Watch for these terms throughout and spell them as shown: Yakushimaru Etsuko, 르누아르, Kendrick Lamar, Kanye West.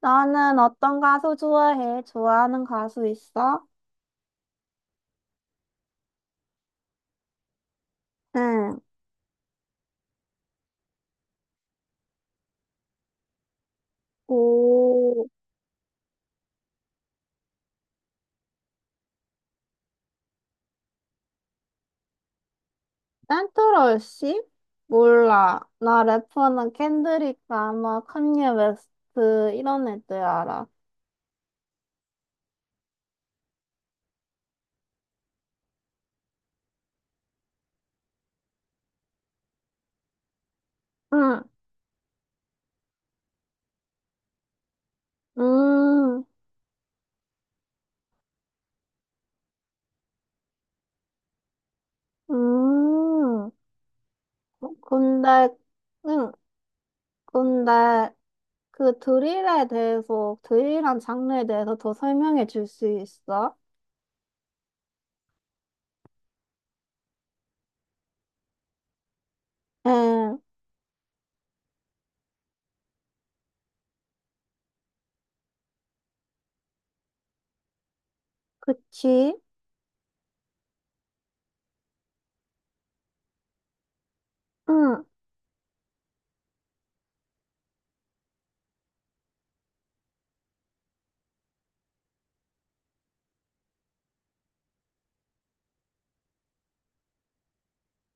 너는 어떤 가수 좋아해? 좋아하는 가수 있어? 응. 오, 센트럴 씨? 몰라. 나 래퍼는 켄드릭 라마, 칸예 웨스트 이런 애들 알아. 응. 음, 음. 근데, 응. 근데 그 드릴에 대해서, 드릴한 장르에 대해서 더 설명해 줄 수 있어? 응. 그치? 응.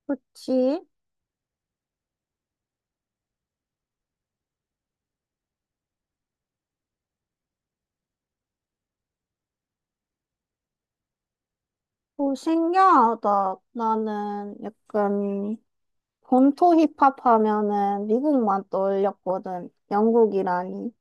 그치? 오, 신기하다. 나는 약간 본토 힙합 하면은 미국만 떠올렸거든. 영국이라니.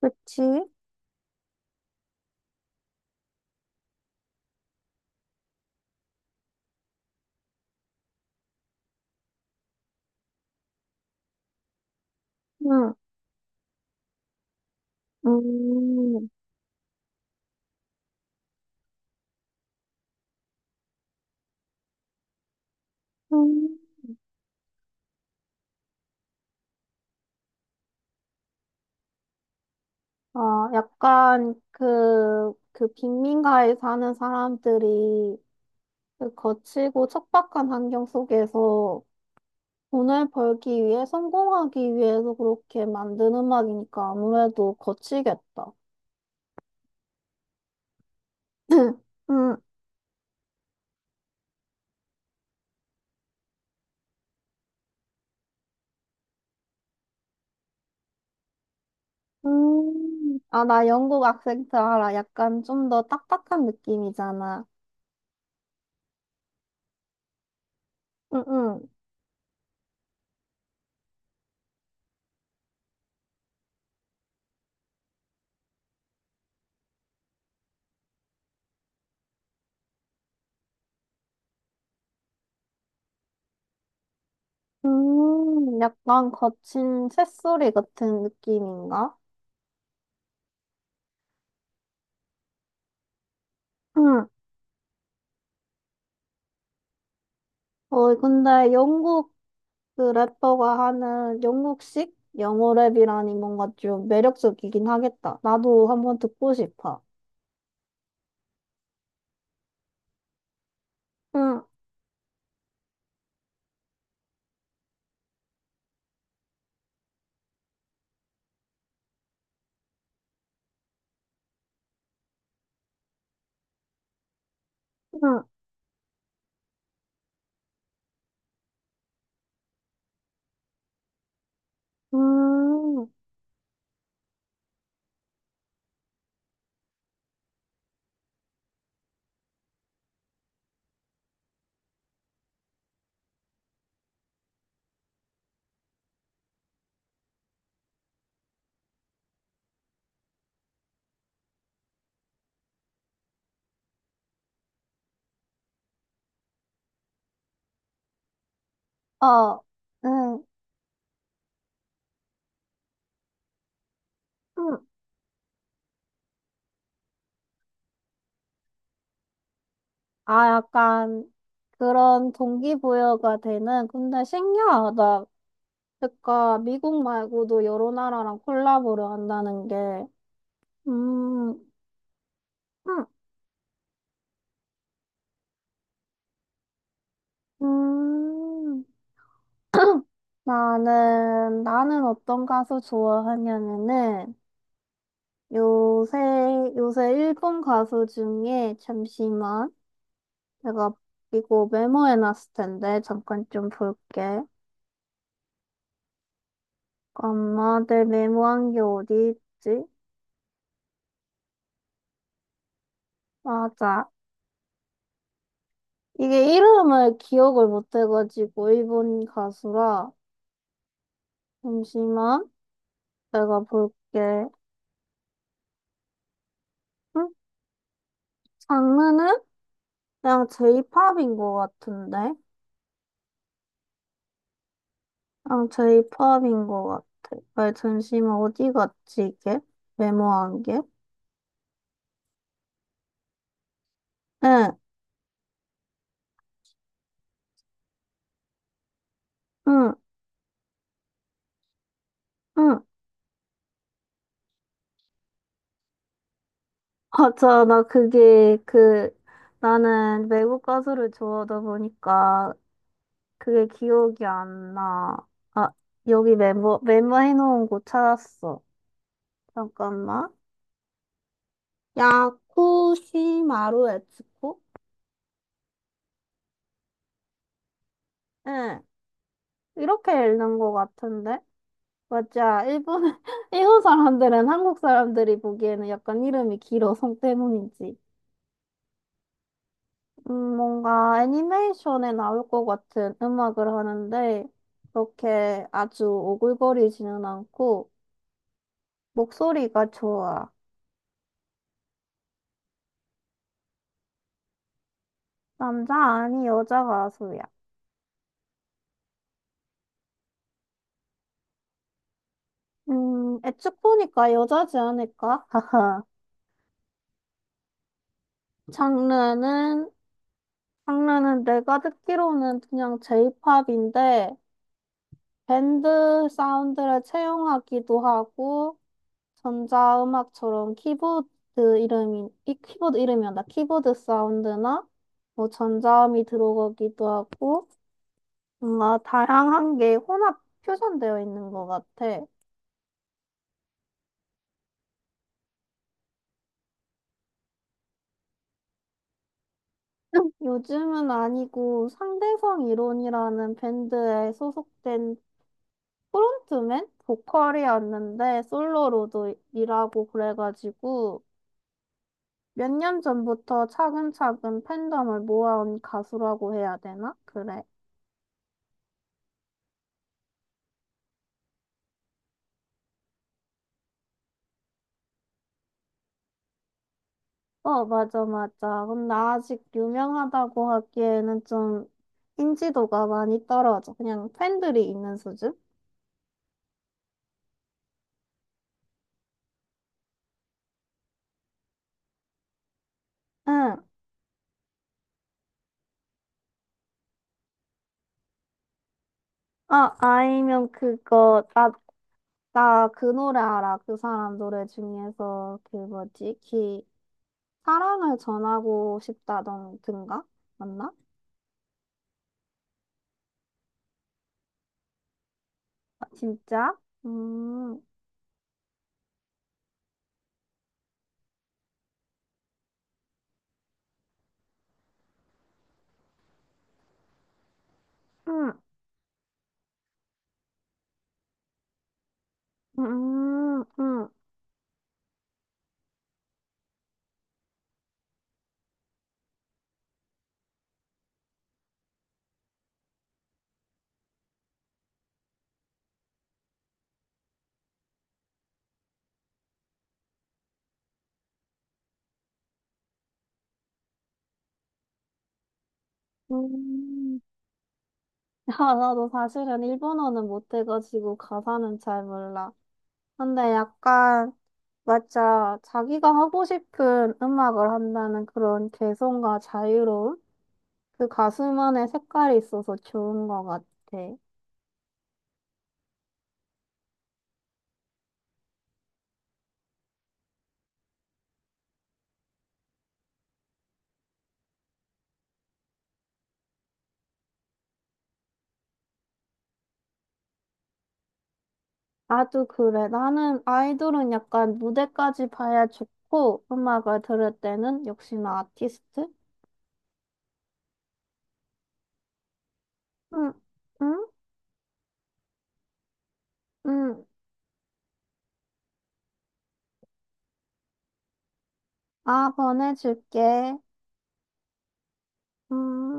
그치? 응. 음. 음. 어, 약간 그 빈민가에 사는 사람들이 그 거칠고 척박한 환경 속에서 돈을 벌기 위해 성공하기 위해서 그렇게 만든 음악이니까 아무래도 거치겠다. 응. 아, 나 영국 악센트 알아. 약간 좀 더 딱딱한 느낌이잖아. 응, 응. 약간 거친 새소리 같은 느낌인가? 응. 어, 근데 영국 그 래퍼가 하는 영국식 영어 랩이라니 뭔가 좀 매력적이긴 하겠다. 나도 한번 듣고 싶어. 응, 응, 음, 어, 응, 응. 아, 약간 그런 동기부여가 되는, 근데 신기하다. 그러니까 미국 말고도 여러 나라랑 콜라보를 한다는 게, 음, 음, 음, 나는 어떤 가수 좋아하냐면은, 요새, 요새 일본 가수 중에, 잠시만, 내가 이거 메모해놨을 텐데, 잠깐 좀 볼게. 엄마, 내 메모한 게 어디 있지? 맞아. 이게 이름을 기억을 못 해가지고, 일본 가수라, 잠시만. 내가 볼게. 응? 장르는? 그냥 J-pop인 것 같은데? 그냥 J-pop인 것 같아. 아, 잠시만, 어디 갔지, 이게? 메모한 게? 응, 응, 응. 맞아, 나 그게, 그, 나는 외국 가수를 좋아하다 보니까 그게 기억이 안 나. 아, 여기 메모해놓은 곳 찾았어. 잠깐만. 야쿠시마루 에츠코? 응. 이렇게 읽는 것 같은데? 맞아. 일본, 일본 사람들은 한국 사람들이 보기에는 약간 이름이 길어, 성 때문인지. 뭔가 애니메이션에 나올 것 같은 음악을 하는데, 그렇게 아주 오글거리지는 않고, 목소리가 좋아. 남자 아니 여자 가수야. 애측 보니까 여자지 않을까? 하하. 장르는, 장르는 내가 듣기로는 그냥 J-pop인데, 밴드 사운드를 채용하기도 하고 전자음악처럼 키보드 이름이 이 키보드 이름이란다. 키보드 사운드나 뭐 전자음이 들어가기도 하고 뭔가 다양한 게 혼합 표현되어 있는 것 같아. 요즘은 아니고 상대성 이론이라는 밴드에 소속된 프론트맨 보컬이었는데 솔로로도 일하고 그래가지고 몇 년 전부터 차근차근 팬덤을 모아온 가수라고 해야 되나? 그래. 어, 맞아, 맞아. 근데 아직 유명하다고 하기에는 좀 인지도가 많이 떨어져. 그냥 팬들이 있는 수준? 응. 아, 아니면 그거, 나 그 노래 알아. 그 사람 노래 중에서 그 뭐지? 기, 사랑을 전하고 싶다던가? 맞나? 아, 진짜? 음, 음, 음, 음. 음. 아, 나도 사실은 일본어는 못해가지고 가사는 잘 몰라. 근데 약간, 맞아. 자기가 하고 싶은 음악을 한다는 그런 개성과 자유로움? 그 가수만의 색깔이 있어서 좋은 것 같아. 나도 그래. 나는 아이돌은 약간 무대까지 봐야 좋고, 음악을 들을 때는 역시나 아티스트? 응, 응, 응. 아, 보내줄게. 음.